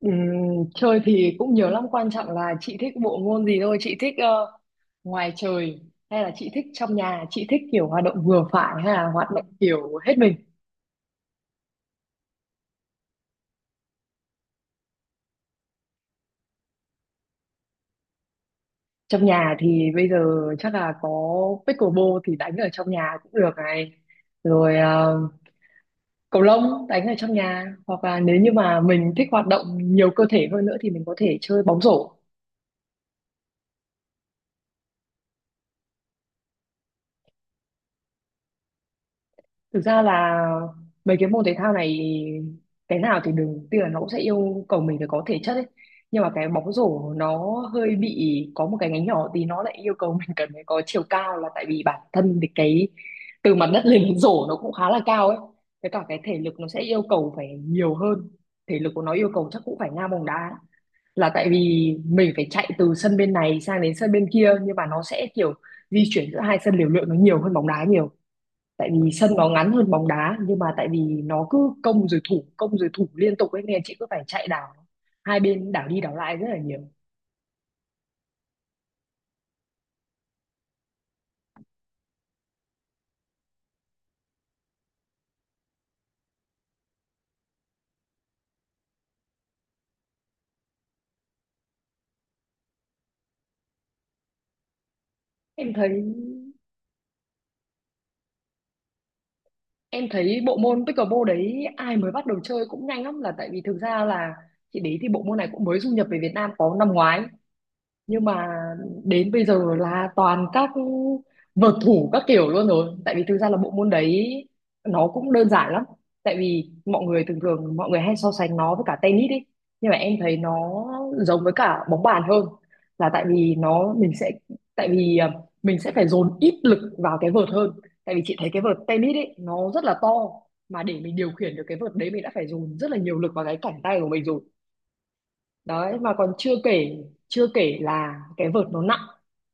Ừm, Chơi thì cũng nhiều lắm, quan trọng là chị thích bộ môn gì thôi. Chị thích ngoài trời hay là chị thích trong nhà, chị thích kiểu hoạt động vừa phải hay là hoạt động kiểu hết mình? Trong nhà thì bây giờ chắc là có pickleball thì đánh ở trong nhà cũng được này. Rồi cầu lông đánh ở trong nhà, hoặc là nếu như mà mình thích hoạt động nhiều cơ thể hơn nữa thì mình có thể chơi bóng rổ. Thực ra là mấy cái môn thể thao này cái nào thì đừng, tuy là nó cũng sẽ yêu cầu mình phải có thể chất ấy, nhưng mà cái bóng rổ nó hơi bị có một cái ngánh nhỏ thì nó lại yêu cầu mình cần phải có chiều cao, là tại vì bản thân thì cái từ mặt đất lên đến rổ nó cũng khá là cao ấy, với cả cái thể lực nó sẽ yêu cầu phải nhiều hơn. Thể lực của nó yêu cầu chắc cũng phải ngang bóng đá, là tại vì mình phải chạy từ sân bên này sang đến sân bên kia, nhưng mà nó sẽ kiểu di chuyển giữa hai sân liều lượng nó nhiều hơn bóng đá nhiều. Tại vì sân nó ngắn hơn bóng đá, nhưng mà tại vì nó cứ công rồi thủ, công rồi thủ liên tục ấy nên chị cứ phải chạy đảo hai bên, đảo đi đảo lại rất là nhiều. Em thấy em thấy bộ môn pickleball đấy ai mới bắt đầu chơi cũng nhanh lắm, là tại vì thực ra là chị đấy thì bộ môn này cũng mới du nhập về Việt Nam có năm ngoái, nhưng mà đến bây giờ là toàn các vợt thủ các kiểu luôn rồi. Tại vì thực ra là bộ môn đấy nó cũng đơn giản lắm. Tại vì mọi người thường thường mọi người hay so sánh nó với cả tennis đi, nhưng mà em thấy nó giống với cả bóng bàn hơn, là tại vì nó mình sẽ, tại vì mình sẽ phải dồn ít lực vào cái vợt hơn. Tại vì chị thấy cái vợt tennis ấy nó rất là to, mà để mình điều khiển được cái vợt đấy mình đã phải dồn rất là nhiều lực vào cái cẳng tay của mình rồi. Đấy, mà còn chưa kể, chưa kể là cái vợt nó nặng,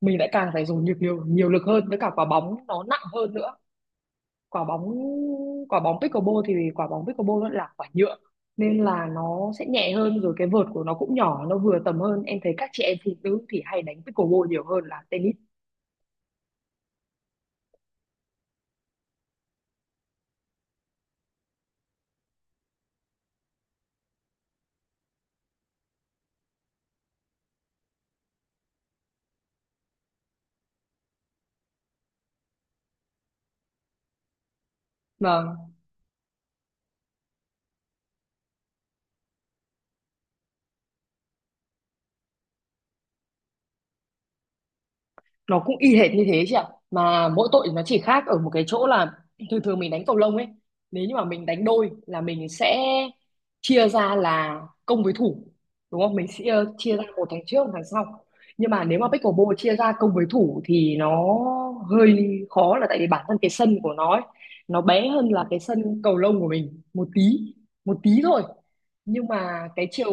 mình lại càng phải dùng nhiều nhiều nhiều lực hơn, với cả quả bóng nó nặng hơn nữa. Quả bóng quả bóng pickleball thì quả bóng pickleball nó là quả nhựa nên là nó sẽ nhẹ hơn, rồi cái vợt của nó cũng nhỏ, nó vừa tầm hơn. Em thấy các chị em phụ nữ thì hay đánh pickleball nhiều hơn là tennis. Vâng, nó cũng y hệt như thế chị ạ, mà mỗi tội nó chỉ khác ở một cái chỗ là thường thường mình đánh cầu lông ấy, nếu như mà mình đánh đôi là mình sẽ chia ra là công với thủ, đúng không? Mình sẽ chia ra một thằng trước một thằng sau. Nhưng mà nếu mà pickleball chia ra công với thủ thì nó hơi khó, là tại vì bản thân cái sân của nó ấy, nó bé hơn là cái sân cầu lông của mình một tí, một tí thôi, nhưng mà cái chiều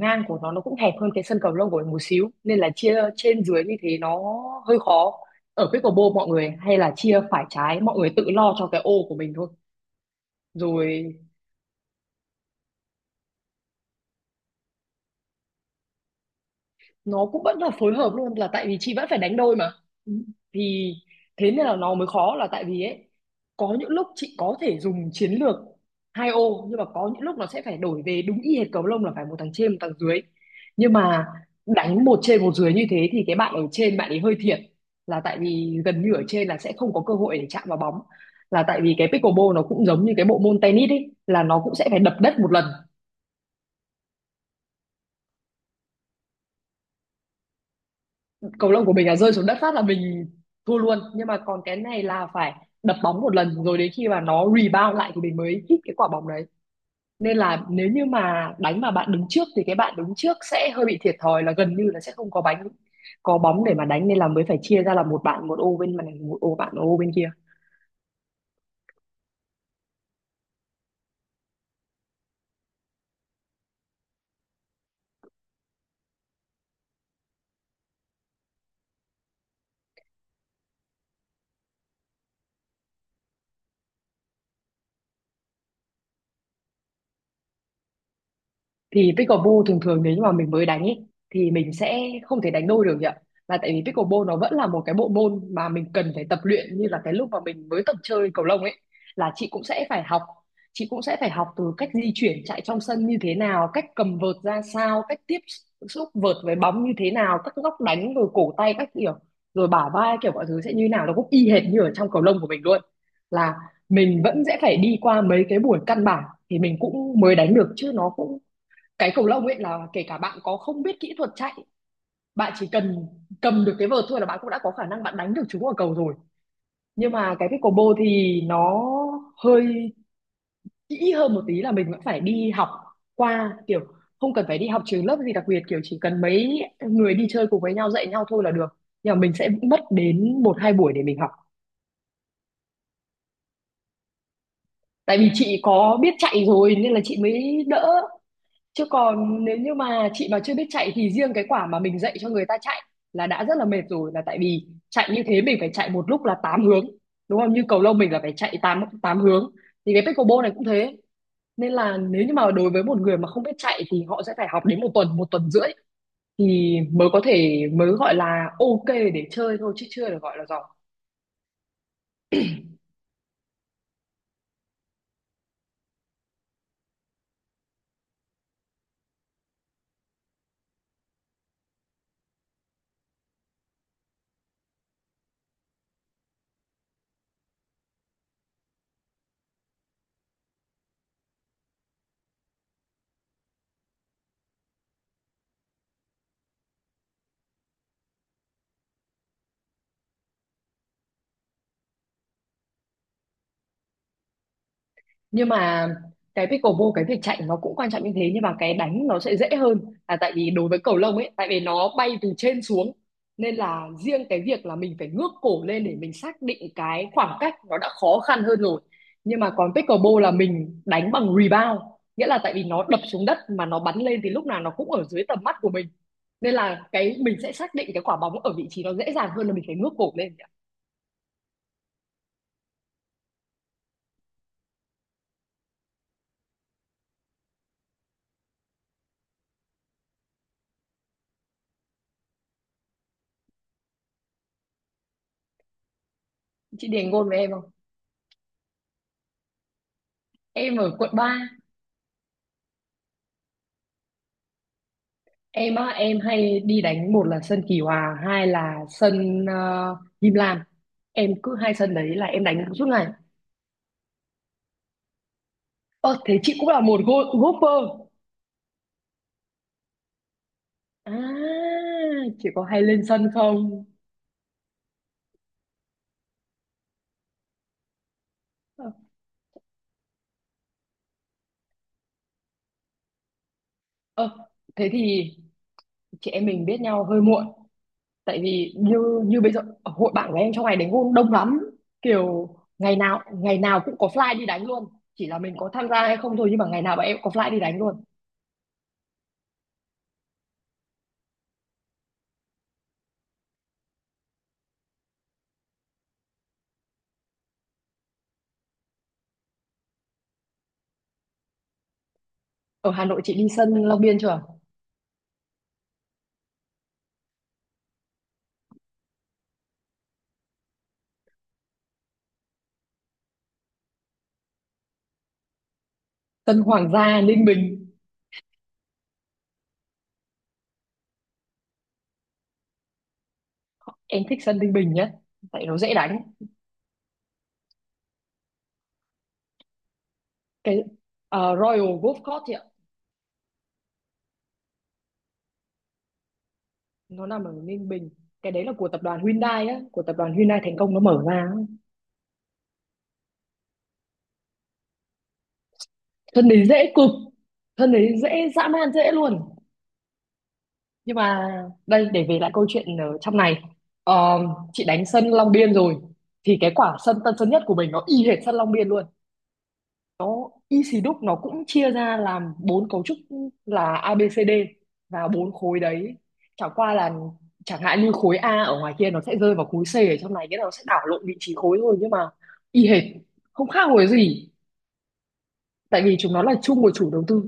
ngang của nó cũng hẹp hơn cái sân cầu lông của mình một xíu, nên là chia trên dưới như thế nó hơi khó. Ở pickleball mọi người hay là chia phải trái, mọi người tự lo cho cái ô của mình thôi. Rồi, nó cũng vẫn là phối hợp luôn, là tại vì chị vẫn phải đánh đôi mà. Thì thế nên là nó mới khó, là tại vì ấy, có những lúc chị có thể dùng chiến lược hai ô, nhưng mà có những lúc nó sẽ phải đổi về đúng y hệt cầu lông là phải một thằng trên một thằng dưới. Nhưng mà đánh một trên một dưới như thế thì cái bạn ở trên bạn ấy hơi thiệt, là tại vì gần như ở trên là sẽ không có cơ hội để chạm vào bóng. Là tại vì cái pickleball nó cũng giống như cái bộ môn tennis ấy, là nó cũng sẽ phải đập đất một lần. Cầu lông của mình là rơi xuống đất phát là mình thua luôn, nhưng mà còn cái này là phải đập bóng một lần rồi đến khi mà nó rebound lại thì mình mới hit cái quả bóng đấy. Nên là nếu như mà đánh mà bạn đứng trước thì cái bạn đứng trước sẽ hơi bị thiệt thòi, là gần như là sẽ không có bánh, có bóng để mà đánh, nên là mới phải chia ra là một bạn một ô bên này, một ô bạn một ô bên kia. Thì pickleball thường thường nếu như mà mình mới đánh ý, thì mình sẽ không thể đánh đôi được nhỉ, là tại vì pickleball nó vẫn là một cái bộ môn mà mình cần phải tập luyện, như là cái lúc mà mình mới tập chơi cầu lông ấy, là chị cũng sẽ phải học chị cũng sẽ phải học từ cách di chuyển chạy trong sân như thế nào, cách cầm vợt ra sao, cách tiếp xúc vợt với bóng như thế nào, các góc đánh rồi cổ tay các kiểu, rồi bả vai, kiểu mọi thứ sẽ như nào, nó cũng y hệt như ở trong cầu lông của mình luôn. Là mình vẫn sẽ phải đi qua mấy cái buổi căn bản thì mình cũng mới đánh được, chứ nó cũng, cái cầu lông ấy là kể cả bạn có không biết kỹ thuật chạy, bạn chỉ cần cầm được cái vợt thôi là bạn cũng đã có khả năng bạn đánh được chúng ở cầu rồi. Nhưng mà cái pickleball thì nó hơi kỹ hơn một tí, là mình vẫn phải đi học qua kiểu, không cần phải đi học trường lớp gì đặc biệt, kiểu chỉ cần mấy người đi chơi cùng với nhau dạy nhau thôi là được, nhưng mà mình sẽ mất đến một hai buổi để mình học. Tại vì chị có biết chạy rồi nên là chị mới đỡ. Chứ còn nếu như mà chị mà chưa biết chạy thì riêng cái quả mà mình dạy cho người ta chạy là đã rất là mệt rồi, là tại vì chạy như thế mình phải chạy một lúc là 8 hướng, đúng không? Như cầu lông mình là phải chạy 8 tám hướng, thì cái pickleball này cũng thế. Nên là nếu như mà đối với một người mà không biết chạy thì họ sẽ phải học đến một tuần rưỡi thì mới có thể, mới gọi là ok để chơi thôi, chứ chưa được gọi là giỏi. Nhưng mà cái pickleball cái việc chạy nó cũng quan trọng như thế, nhưng mà cái đánh nó sẽ dễ hơn, là tại vì đối với cầu lông ấy, tại vì nó bay từ trên xuống nên là riêng cái việc là mình phải ngước cổ lên để mình xác định cái khoảng cách nó đã khó khăn hơn rồi. Nhưng mà còn pickleball là mình đánh bằng rebound, nghĩa là tại vì nó đập xuống đất mà nó bắn lên thì lúc nào nó cũng ở dưới tầm mắt của mình, nên là cái mình sẽ xác định cái quả bóng ở vị trí nó dễ dàng hơn là mình phải ngước cổ lên. Chị Điền ngôn với em không? Em ở quận ba. Em á, em hay đi đánh, một là sân Kỳ Hòa, hai là sân Him Lam. Em cứ hai sân đấy là em đánh suốt ngày. Ơ thế chị cũng là một golfer à? Chị có hay lên sân không? Ờ, ờ, thế thì chị em mình biết nhau hơi muộn, tại vì như, như bây giờ hội bạn của em trong ngày đánh golf đông lắm, kiểu ngày nào cũng có fly đi đánh luôn, chỉ là mình có tham gia hay không thôi, nhưng mà ngày nào bọn em cũng có fly đi đánh luôn. Ở Hà Nội chị đi sân Long Biên chưa? Sân Hoàng gia Ninh Bình, em thích sân Ninh Bình nhá, tại nó dễ đánh. Cái Royal Golf Course thì ạ. Nó nằm ở Ninh Bình, cái đấy là của tập đoàn Hyundai á, của tập đoàn Hyundai Thành Công nó mở ra á. Sân đấy dễ cực. Sân đấy dễ dã man, dễ luôn. Nhưng mà đây, để về lại câu chuyện ở trong này. Ờ, chị đánh sân Long Biên rồi thì cái quả sân Tân Sơn Nhất của mình nó y hệt sân Long Biên luôn. Nó y xì đúc, nó cũng chia ra làm bốn cấu trúc, là A B C D và bốn khối đấy. Chẳng qua là, chẳng hạn như khối A ở ngoài kia nó sẽ rơi vào khối C ở trong này, cái nó sẽ đảo lộn vị trí khối thôi, nhưng mà y hệt, không khác hồi gì. Tại vì chúng nó là chung một chủ đầu tư.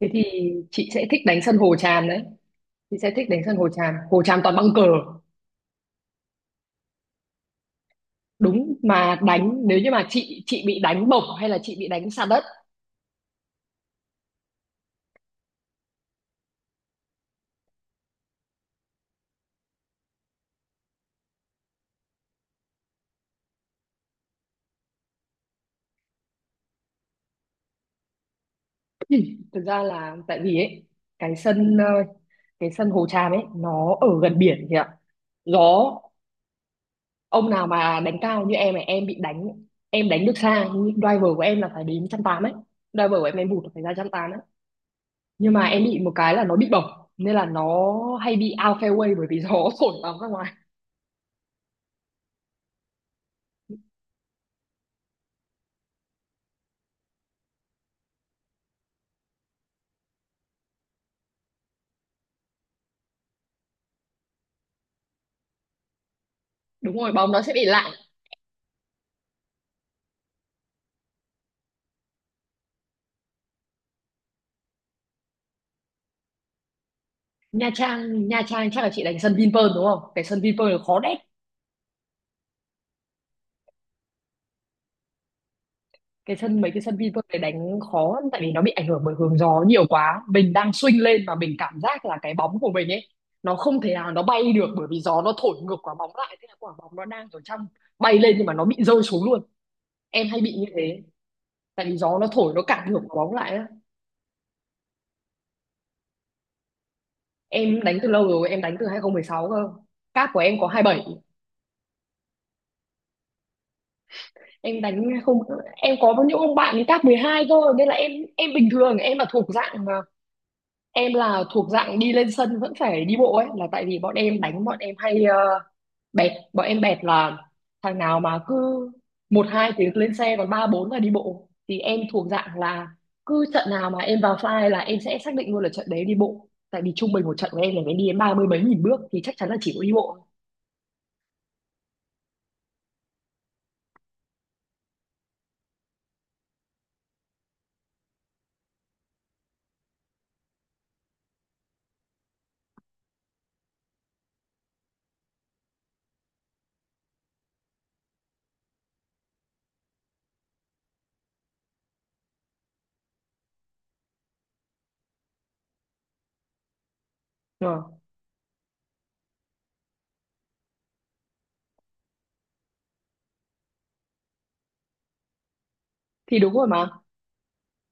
Thế thì chị sẽ thích đánh sân hồ tràm đấy. Chị sẽ thích đánh sân hồ tràm, hồ tràm toàn băng cờ. Đúng mà, đánh nếu như mà chị bị đánh bổng hay là chị bị đánh sạt đất. Thực ra là tại vì ấy, cái sân cái sân Hồ Tràm ấy nó ở gần biển thì ạ, gió. Ông nào mà đánh cao như em này em bị đánh, em đánh được xa nhưng driver của em là phải đến trăm tám ấy. Driver của em vụt là phải ra trăm tám ấy. Nhưng mà em bị một cái là nó bị bổng, nên là nó hay bị out fairway bởi vì gió thổi bóng ra ngoài. Đúng rồi, bóng nó sẽ bị lạng. Nha Trang chắc là chị đánh sân Vinpearl đúng không? Cái sân Vinpearl nó khó đét. Cái sân, mấy cái sân Vinpearl này đánh khó lắm, tại vì nó bị ảnh hưởng bởi hướng gió nhiều quá. Mình đang swing lên mà mình cảm giác là cái bóng của mình ấy, nó không thể nào nó bay được bởi vì gió nó thổi ngược quả bóng lại, thế là quả bóng nó đang ở trong bay lên nhưng mà nó bị rơi xuống luôn. Em hay bị như thế, tại vì gió nó thổi nó cản ngược quả bóng lại á. Em đánh từ lâu rồi, em đánh từ 2016 cơ. Cáp của em có 27. Em đánh không, em có những ông bạn ấy cáp 12 cơ nên là em bình thường em là thuộc dạng mà, em là thuộc dạng đi lên sân vẫn phải đi bộ ấy. Là tại vì bọn em hay bẹt. Bọn em bẹt là thằng nào mà cứ một hai tiếng lên xe, còn ba bốn là đi bộ, thì em thuộc dạng là cứ trận nào mà em vào file là em sẽ xác định luôn là trận đấy đi bộ. Tại vì trung bình một trận của em là phải đi đến ba mươi mấy nghìn bước thì chắc chắn là chỉ có đi bộ. Ờ, thì đúng rồi mà,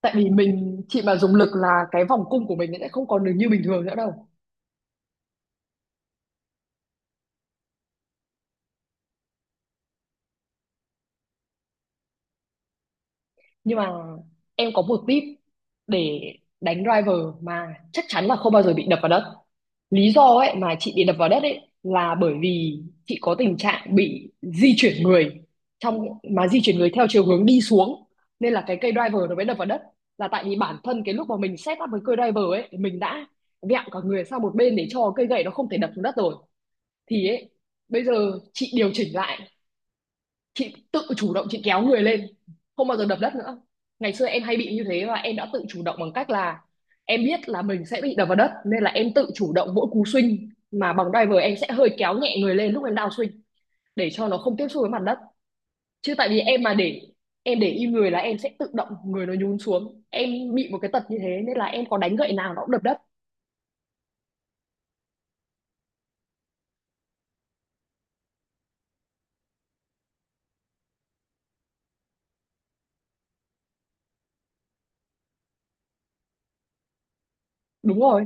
tại vì chị mà dùng lực là cái vòng cung của mình nó sẽ không còn được như bình thường nữa đâu. Nhưng mà em có một tip để đánh driver mà chắc chắn là không bao giờ bị đập vào đất. Lý do ấy mà chị bị đập vào đất ấy là bởi vì chị có tình trạng bị di chuyển người, trong mà di chuyển người theo chiều hướng đi xuống nên là cái cây driver nó mới đập vào đất. Là tại vì bản thân cái lúc mà mình set up với cây driver ấy mình đã vẹo cả người sang một bên để cho cây gậy nó không thể đập xuống đất rồi. Thì ấy, bây giờ chị điều chỉnh lại, chị tự chủ động chị kéo người lên, không bao giờ đập đất nữa. Ngày xưa em hay bị như thế và em đã tự chủ động bằng cách là em biết là mình sẽ bị đập vào đất nên là em tự chủ động mỗi cú swing mà bằng driver em sẽ hơi kéo nhẹ người lên lúc em down swing, để cho nó không tiếp xúc với mặt đất. Chứ tại vì em mà để em để im người là em sẽ tự động người nó nhún xuống. Em bị một cái tật như thế nên là em có đánh gậy nào nó cũng đập đất. Đúng rồi,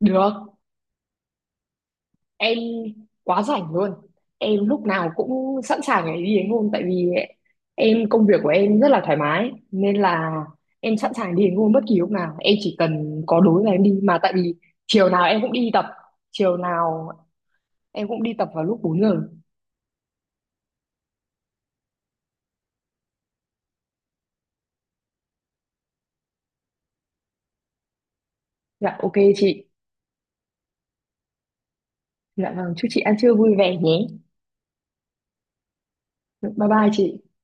được. Em quá rảnh luôn, em lúc nào cũng sẵn sàng để đi đánh hôn. Tại vì em công việc của em rất là thoải mái nên là em sẵn sàng đi đánh hôn bất kỳ lúc nào, em chỉ cần có đối là em đi. Mà tại vì chiều nào em cũng đi tập, chiều nào em cũng đi tập vào lúc 4 giờ. Dạ ok chị. Dạ vâng, chúc chị ăn trưa vui vẻ nhé. Dạ, bye bye chị.